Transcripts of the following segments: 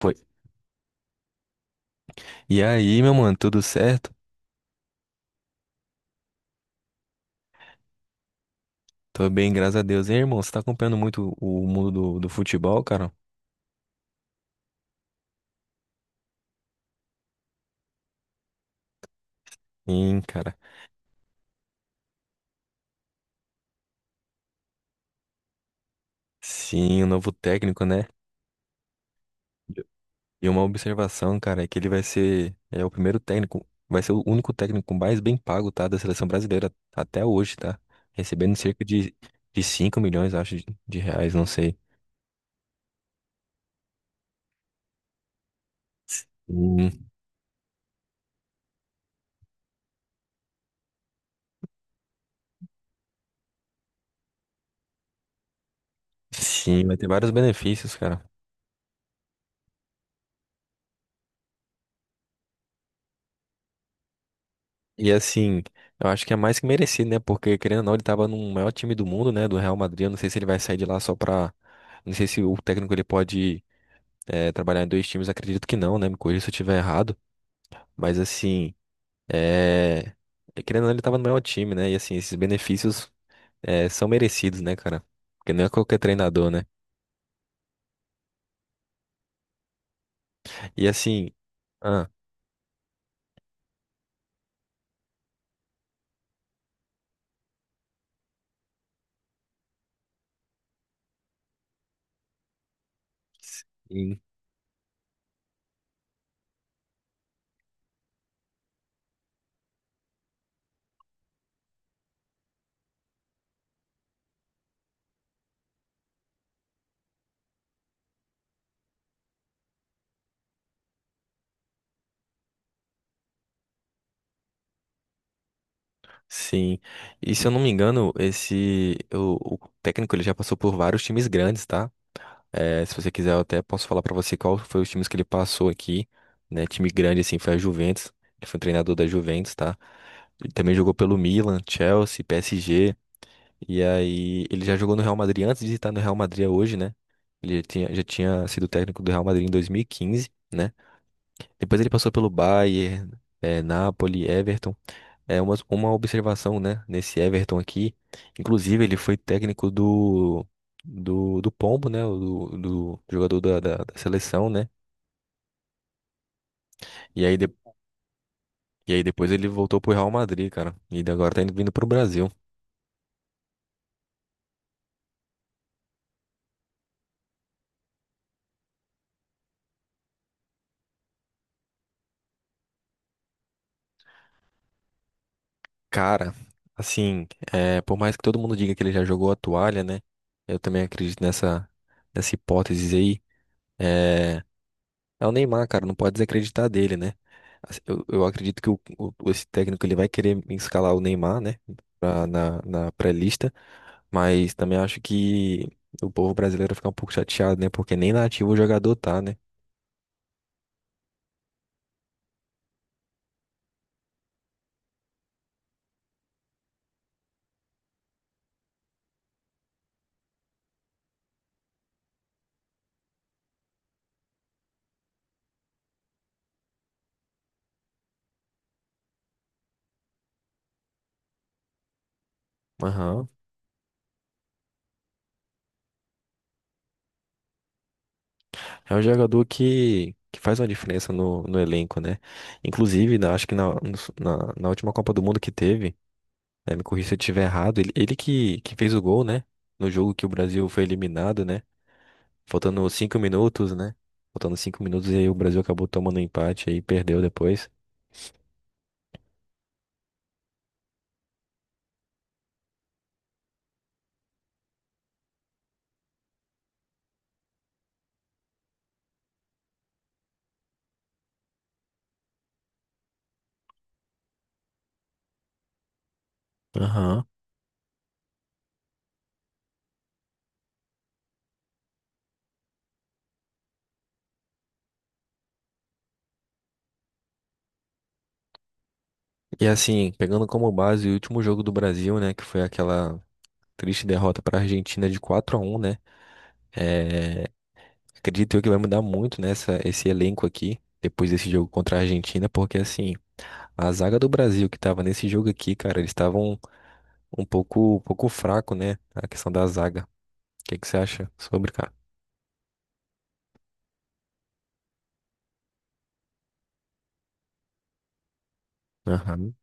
Foi. E aí, meu mano, tudo certo? Tô bem, graças a Deus. Hein, irmão, você tá acompanhando muito o mundo do futebol, cara? Sim, cara. Sim, o novo técnico, né? E uma observação, cara, é que ele vai ser o único técnico mais bem pago, tá? Da seleção brasileira até hoje, tá? Recebendo cerca de 5 milhões, acho, de reais, não sei. Hum, sim, vai ter vários benefícios, cara. E assim, eu acho que é mais que merecido, né? Porque, querendo ou não, ele tava no maior time do mundo, né? Do Real Madrid. Eu não sei se ele vai sair de lá só pra. Não sei se o técnico ele pode trabalhar em dois times. Acredito que não, né? Me corrija se eu estiver errado. Mas assim, é... querendo ou não, ele tava no maior time, né? E assim, esses benefícios são merecidos, né, cara? Porque não é qualquer treinador, né? E assim. Ah, sim, sim. E se eu não me engano, esse. O técnico ele já passou por vários times grandes, tá? É, se você quiser, eu até posso falar pra você qual foi os times que ele passou aqui, né? Time grande, assim, foi a Juventus. Ele foi um treinador da Juventus, tá? Ele também jogou pelo Milan, Chelsea, PSG. E aí, ele já jogou no Real Madrid antes de estar no Real Madrid hoje, né? Ele já tinha sido técnico do Real Madrid em 2015, né? Depois ele passou pelo Bayern, Napoli, Everton. É uma observação, né, nesse Everton aqui. Inclusive, ele foi técnico do Pombo, né, do jogador da seleção, né? E aí, e aí depois ele voltou pro Real Madrid, cara. E ele agora tá indo, vindo pro Brasil. Cara, assim, por mais que todo mundo diga que ele já jogou a toalha, né? Eu também acredito nessa hipótese aí. É, É o Neymar, cara, não pode desacreditar dele, né? Assim, Eu acredito que esse técnico ele vai querer escalar o Neymar, né? Na pré-lista, mas também acho que o povo brasileiro fica um pouco chateado, né? Porque nem nativo o jogador tá, né? Aham. É um jogador que faz uma diferença no elenco, né? Inclusive, acho que na última Copa do Mundo que teve, né, me corrija se eu estiver errado, ele que fez o gol, né? No jogo que o Brasil foi eliminado, né? Faltando 5 minutos, né? Faltando cinco minutos e aí o Brasil acabou tomando um empate aí, perdeu depois. Aham. E assim, pegando como base o último jogo do Brasil, né? Que foi aquela triste derrota para a Argentina de 4-1, né? É, acredito eu que vai mudar muito nessa esse elenco aqui. Depois desse jogo contra a Argentina, porque assim, a zaga do Brasil que tava nesse jogo aqui, cara, eles estavam um pouco fraco, né? A questão da zaga. O que que você acha sobre, cara? Aham.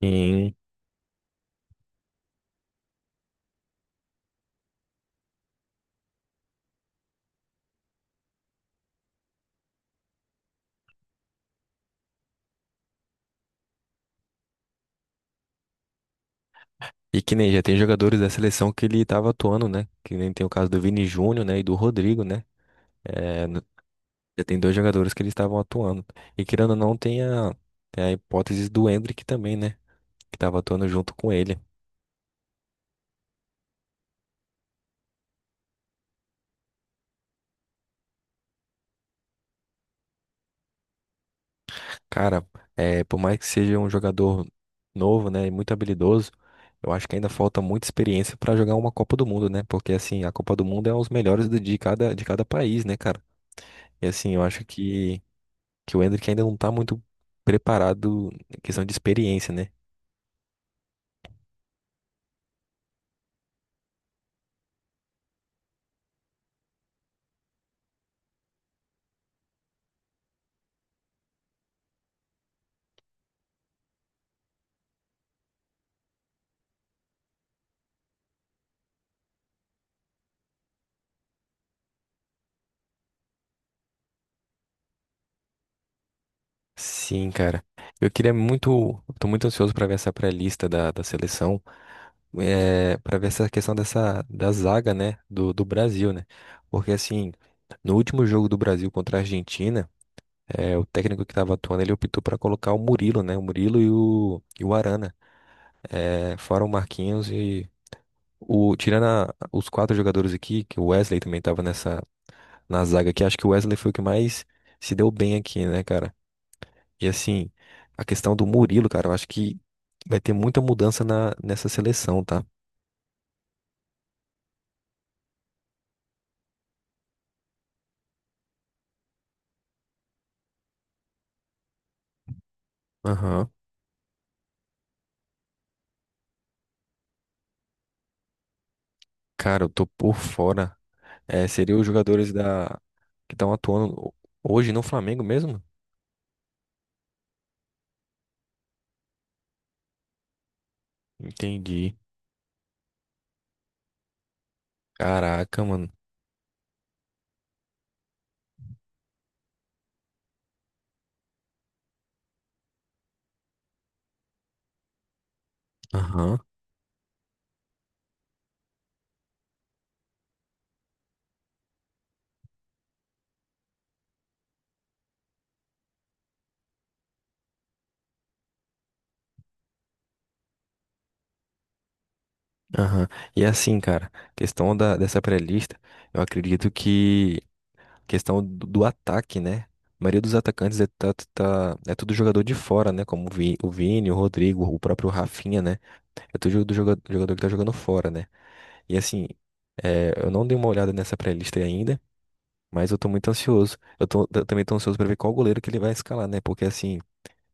Sim. E que nem já tem jogadores da seleção que ele tava atuando, né? Que nem tem o caso do Vini Júnior, né? E do Rodrigo, né? É, já tem dois jogadores que eles estavam atuando. E querendo ou não, tem a hipótese do Endrick também, né? Que tava atuando junto com ele. Cara, por mais que seja um jogador novo, né? E muito habilidoso, eu acho que ainda falta muita experiência pra jogar uma Copa do Mundo, né? Porque, assim, a Copa do Mundo é os melhores de cada país, né, cara? E, assim, eu acho que o Endrick ainda não tá muito preparado em questão de experiência, né? Sim, cara. Eu queria muito, eu tô muito ansioso pra ver essa pré-lista da seleção, para ver essa questão dessa da zaga, né, do Brasil, né? Porque assim, no último jogo do Brasil contra a Argentina, o técnico que tava atuando, ele optou pra colocar o Murilo, né? O Murilo e o Arana, fora o Marquinhos e o tirando a- os quatro jogadores aqui, que o Wesley também tava nessa na zaga aqui. Acho que o Wesley foi o que mais se deu bem aqui, né, cara? E assim, a questão do Murilo, cara, eu acho que vai ter muita mudança na, nessa seleção, tá? Aham. Cara, eu tô por fora. É, seriam os jogadores da que estão atuando hoje no Flamengo mesmo? Entendi. Caraca, mano. Aham, aham. E assim, cara, questão da, dessa pré-lista, eu acredito que questão do ataque, né? A maioria dos atacantes é tudo jogador de fora, né? Como o Vini, o Rodrigo, o próprio Rafinha, né? É tudo jogador que tá jogando fora, né? E assim, eu não dei uma olhada nessa pré-lista aí ainda, mas eu tô muito ansioso. Eu também tô ansioso pra ver qual goleiro que ele vai escalar, né? Porque assim,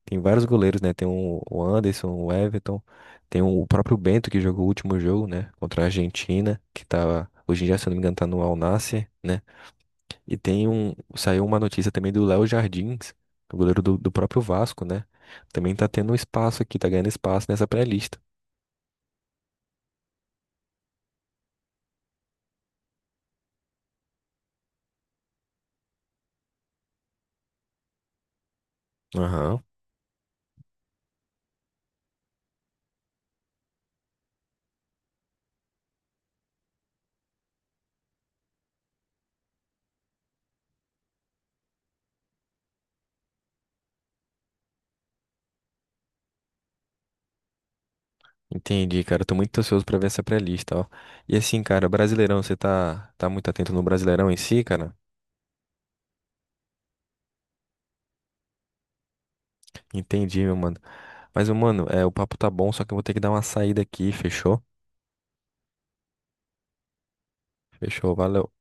tem vários goleiros, né? Tem o Anderson, o Everton, tem o próprio Bento que jogou o último jogo, né? Contra a Argentina, que tá, hoje em dia, se eu não me engano, tá no Al Nassr, né? E tem um, saiu uma notícia também do Léo Jardins, o goleiro do próprio Vasco, né? Também tá tendo um espaço aqui, tá ganhando espaço nessa pré-lista. Aham. Entendi, cara. Tô muito ansioso pra ver essa pré-lista, ó. E assim, cara, Brasileirão, você tá muito atento no Brasileirão em si, cara? Entendi, meu mano. Mas, meu mano, o papo tá bom, só que eu vou ter que dar uma saída aqui, fechou? Fechou, valeu.